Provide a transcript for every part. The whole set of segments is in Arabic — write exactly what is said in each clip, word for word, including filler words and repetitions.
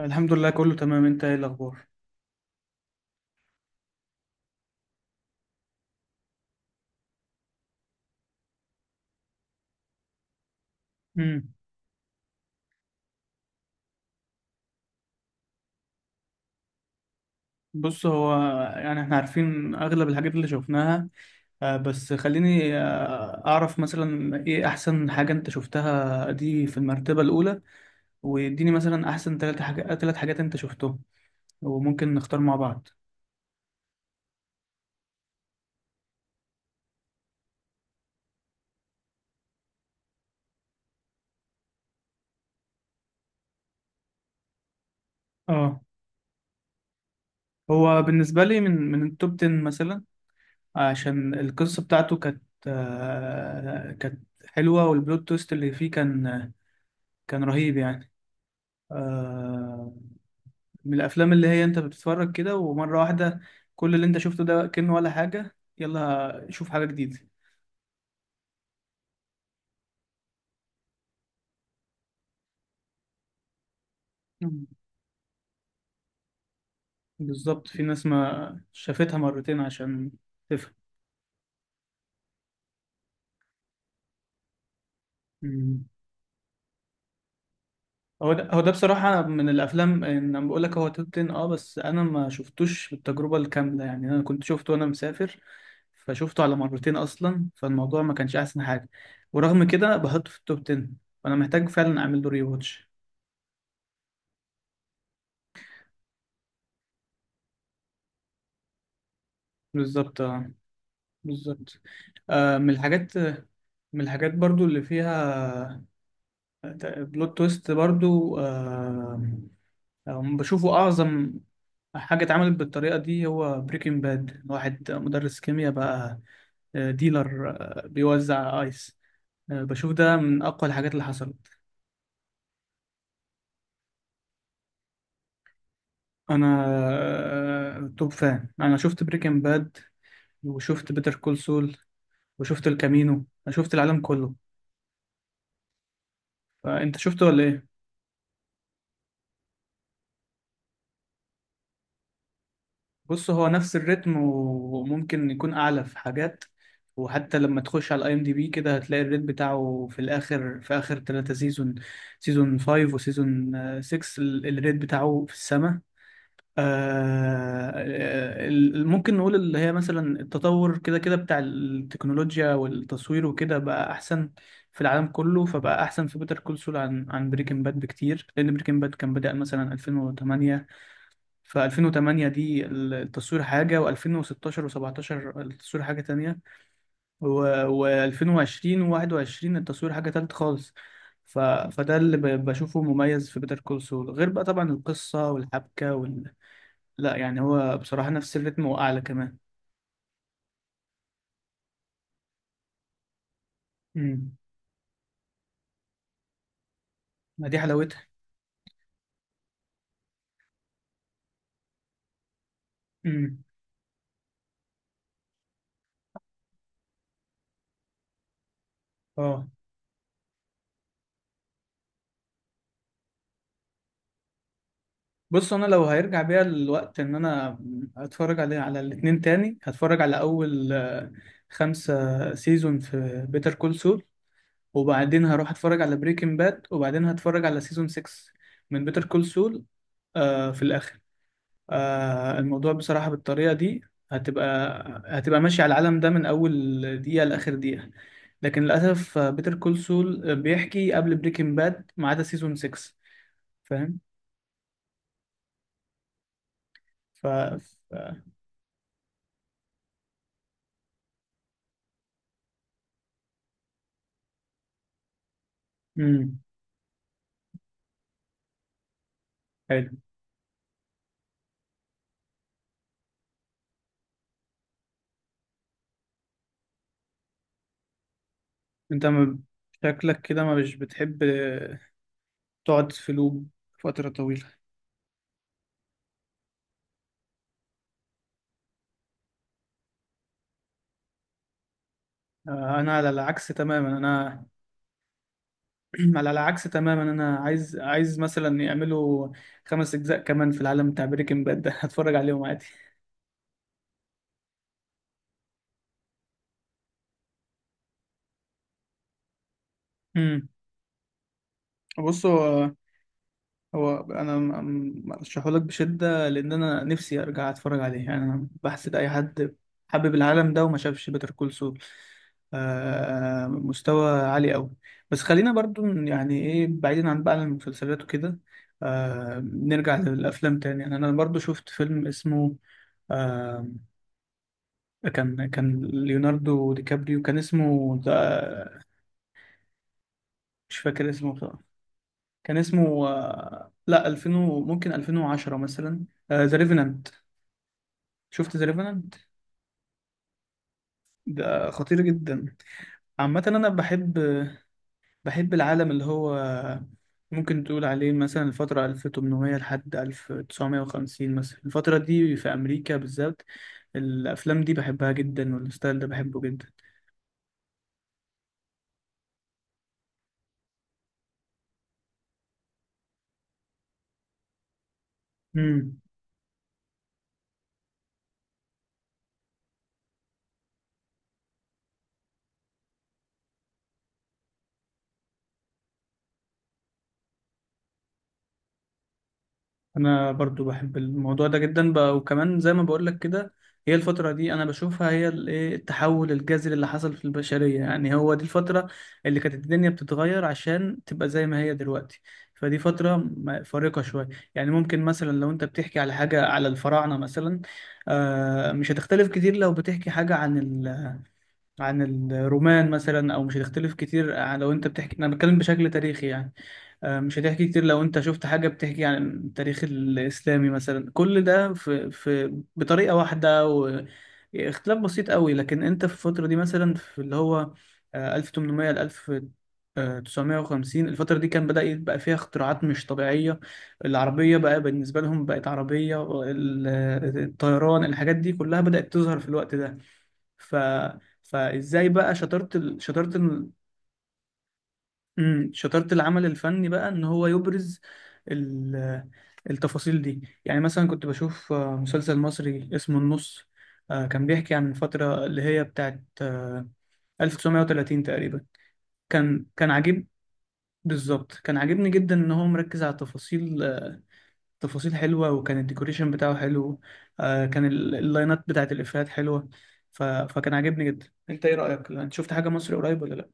الحمد لله، كله تمام. انت ايه الاخبار؟ امم بص، هو يعني احنا عارفين اغلب الحاجات اللي شفناها. آه، بس خليني آه، اعرف مثلا ايه احسن حاجة انت شفتها، دي في المرتبة الاولى. واديني مثلا احسن ثلاث حاجات ثلاث حاجات انت شفتهم وممكن نختار مع بعض. اه، هو بالنسبة لي من من التوب تن مثلا، عشان القصة بتاعته كانت آه، كانت حلوة، والبلوت تويست اللي فيه كان كان رهيب يعني. آه، من الافلام اللي هي انت بتتفرج كده، ومره واحده كل اللي انت شفته ده كأنه ولا حاجه، يلا شوف حاجه جديده. مم. بالظبط، في ناس ما شافتها مرتين عشان تفهم. مم. هو ده هو ده بصراحه من الافلام. ان انا بقول لك هو توب تن، اه، بس انا ما شفتوش بالتجربه الكامله، يعني انا كنت شفته وانا مسافر، فشفته على مرتين اصلا، فالموضوع ما كانش احسن حاجه، ورغم كده بحطه في التوب عشرة. فانا محتاج فعلا اعمل له ري واتش. بالظبط، اه، بالظبط. آه، من الحاجات، من الحاجات برضو اللي فيها بلوت تويست برضو. آه، آه، بشوفه أعظم حاجة اتعملت بالطريقة دي هو بريكنج باد، واحد مدرس كيمياء بقى، آه، ديلر، آه، بيوزع آيس. آه، بشوف ده من أقوى الحاجات اللي حصلت. أنا آه، توب فان. أنا شفت بريكنج باد، وشفت بيتر كول سول، وشفت الكامينو. أنا شفت العالم كله. فأنت شفته ولا إيه؟ بص، هو نفس الريتم، وممكن يكون اعلى في حاجات. وحتى لما تخش على الاي ام دي بي كده، هتلاقي الريت بتاعه في الاخر، في اخر ثلاثة سيزون، سيزون خمسة وسيزون السادس الريت بتاعه في السماء. آه، آه، ال- ممكن نقول اللي هي مثلا التطور كده كده بتاع التكنولوجيا والتصوير وكده بقى احسن في العالم كله، فبقى احسن في بيتر كول سول عن عن بريكنج باد بكتير، لان بريكنج باد كان بدأ مثلا ألفين وتمانية، في ألفين وتمانية دي التصوير حاجة، و2016 و17 التصوير حاجة تانية، و2020 و21 التصوير حاجة تالت خالص. ف... فده اللي ب... بشوفه مميز في بيتر كول سول، غير بقى طبعا القصة والحبكة وال... لا يعني هو بصراحة نفس الريتم وأعلى كمان. امم ما دي حلاوتها. امم اه، بص انا لو هيرجع بيا الوقت، ان انا اتفرج على على الاتنين تاني، هتفرج على اول آه، خمسة سيزون في بيتر كول سول، وبعدين هروح اتفرج على بريكنج باد، وبعدين هتفرج على سيزون السادس من بيتر كول سول آه في الاخر. آه الموضوع بصراحة بالطريقة دي هتبقى هتبقى ماشي على العالم ده من اول دقيقة لاخر دقيقة، لكن للاسف بيتر كول سول بيحكي قبل بريكنج باد ما عدا سيزون السادس. فاهم. ف ف امم حلو. انت ما شكلك كده ما مش بتحب تقعد في لوب فترة طويلة. آه انا على العكس تماما انا على العكس تماما، انا عايز عايز مثلا يعملوا خمس اجزاء كمان في العالم بتاع بريكنج باد ده هتفرج عليهم عادي. امم بص، هو هو انا ارشحه لك بشده، لان انا نفسي ارجع اتفرج عليه. يعني انا بحسد اي حد حابب العالم ده وما شافش بيتر كول سول. آه مستوى عالي قوي. بس خلينا برضو يعني ايه بعيدا عن بقى المسلسلات وكده، آه نرجع للافلام تاني. يعني انا برضو شفت فيلم اسمه آه، كان كان ليوناردو دي كابريو، كان اسمه ده. مش فاكر اسمه بصراحة. كان اسمه آه، لا ألفين و- ممكن ألفين وعشرة مثلا. ذا ريفنانت. شفت ذا ريفنانت؟ ده خطير جدا. عامة انا بحب بحب العالم اللي هو ممكن تقول عليه مثلا الفترة ألف وتمنمية لحد ألف وتسعمية وخمسين، مثلا الفترة دي في أمريكا بالذات الأفلام دي بحبها جدا، والستايل ده بحبه جدا. مم. انا برضو بحب الموضوع ده جدا بقى، وكمان زي ما بقول لك كده، هي الفترة دي انا بشوفها هي ال- إيه التحول الجذري اللي حصل في البشرية، يعني هو دي الفترة اللي كانت الدنيا بتتغير عشان تبقى زي ما هي دلوقتي. فدي فترة م- فارقة شوية. يعني ممكن مثلا لو انت بتحكي على حاجة على الفراعنة مثلا، آه، مش هتختلف كتير لو بتحكي حاجة عن عن الرومان مثلا، او مش هتختلف كتير عن- لو انت بتحكي، انا بتكلم بشكل تاريخي يعني. آه، مش هتحكي كتير لو انت شفت حاجة بتحكي عن التاريخ الاسلامي مثلا، كل ده في في بطريقة واحدة واختلاف بسيط قوي. لكن انت في الفترة دي مثلا، في اللي هو آه، ألف وتمنمية ل ألف وتسعمية وخمسين، الفترة دي كان بدأ يبقى فيها اختراعات مش طبيعية. العربية بقى بالنسبة لهم بقت عربية ال- الطيران، الحاجات دي كلها بدأت تظهر في الوقت ده. ف... فازاي بقى شطارة ال... شطارة ال... مم، شطارة العمل الفني بقى ان هو يبرز ال... التفاصيل دي. يعني مثلا كنت بشوف آه، مسلسل مصري اسمه النص. آه، كان بيحكي عن الفترة اللي هي بتاعت آه، ألف وتسعمية وتلاتين تقريبا. كان كان عجيب. بالظبط، كان عاجبني جدا ان هو مركز على تفاصيل آه، تفاصيل حلوة، وكان الديكوريشن بتاعه حلو. آه، كان ال- اللاينات بتاعت الإفيهات حلوة. ف... فكان عاجبني جدا. انت ايه رأيك، انت شفت حاجة مصري قريب ولا؟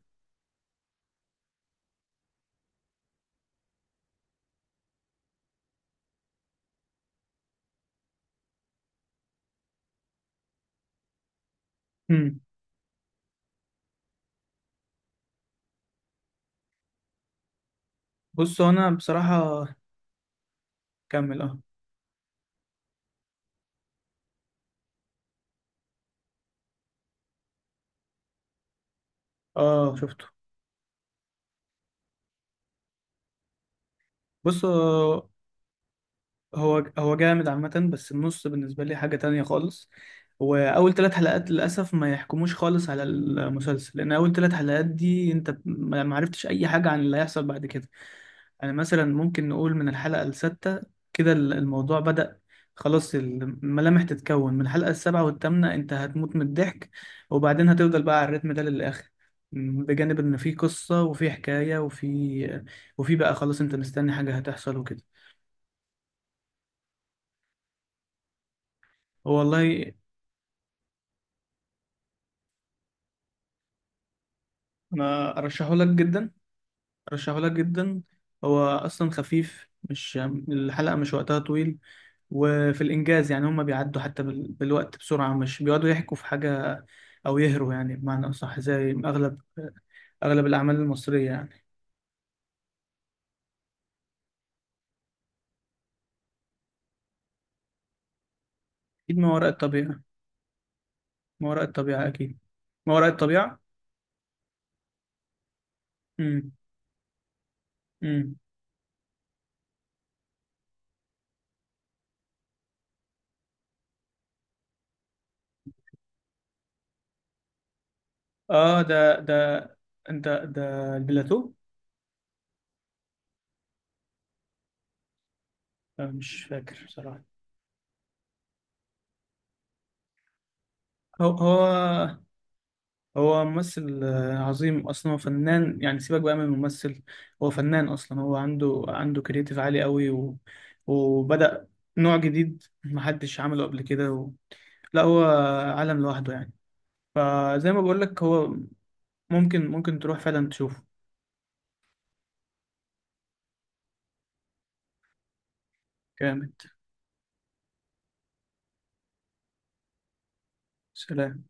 امم بص، هو انا بصراحه. كمل، اه. اه، شفته. بص، هو هو هو جامد عامه، بس النص بالنسبه لي حاجه تانية خالص. واول ثلاث حلقات للاسف ما يحكموش خالص على المسلسل، لان اول ثلاث حلقات دي انت ما ما عرفتش اي حاجه عن اللي هيحصل بعد كده. يعني مثلا ممكن نقول من الحلقة السادسة كده ال- الموضوع بدأ، خلاص الملامح تتكون من الحلقة السابعة والثامنة، انت هتموت من الضحك، وبعدين هتفضل بقى على الريتم ده للآخر. م، بجانب ان في قصة وفي حكاية وفي وفي بقى خلاص انت مستني حاجة هتحصل وكده. والله، انا ارشحه لك جدا. أرشحهولك جدا. هو أصلا خفيف، مش الحلقة مش وقتها طويل. وفي الإنجاز يعني هما بيعدوا حتى بال- بالوقت بسرعة، مش بيقعدوا يحكوا في حاجة أو يهروا، يعني بمعنى أصح زي أغلب أغلب الأعمال المصرية يعني. أكيد ما وراء الطبيعة. ما وراء الطبيعة أكيد. ما وراء الطبيعة. امم امم آه، ده ده. أنت ده البلاتو. آه، مش فاكر بصراحة. هو هو هو ممثل آه، عظيم، اصلا هو فنان، يعني سيبك بقى من الممثل. هو فنان اصلا، هو عنده عنده كرياتيف عالي قوي و... وبدأ نوع جديد محدش عمله قبل كده و... لا هو عالم لوحده يعني. فزي ما بقولك، هو ممكن ممكن تروح فعلا تشوفه. جامد. سلام.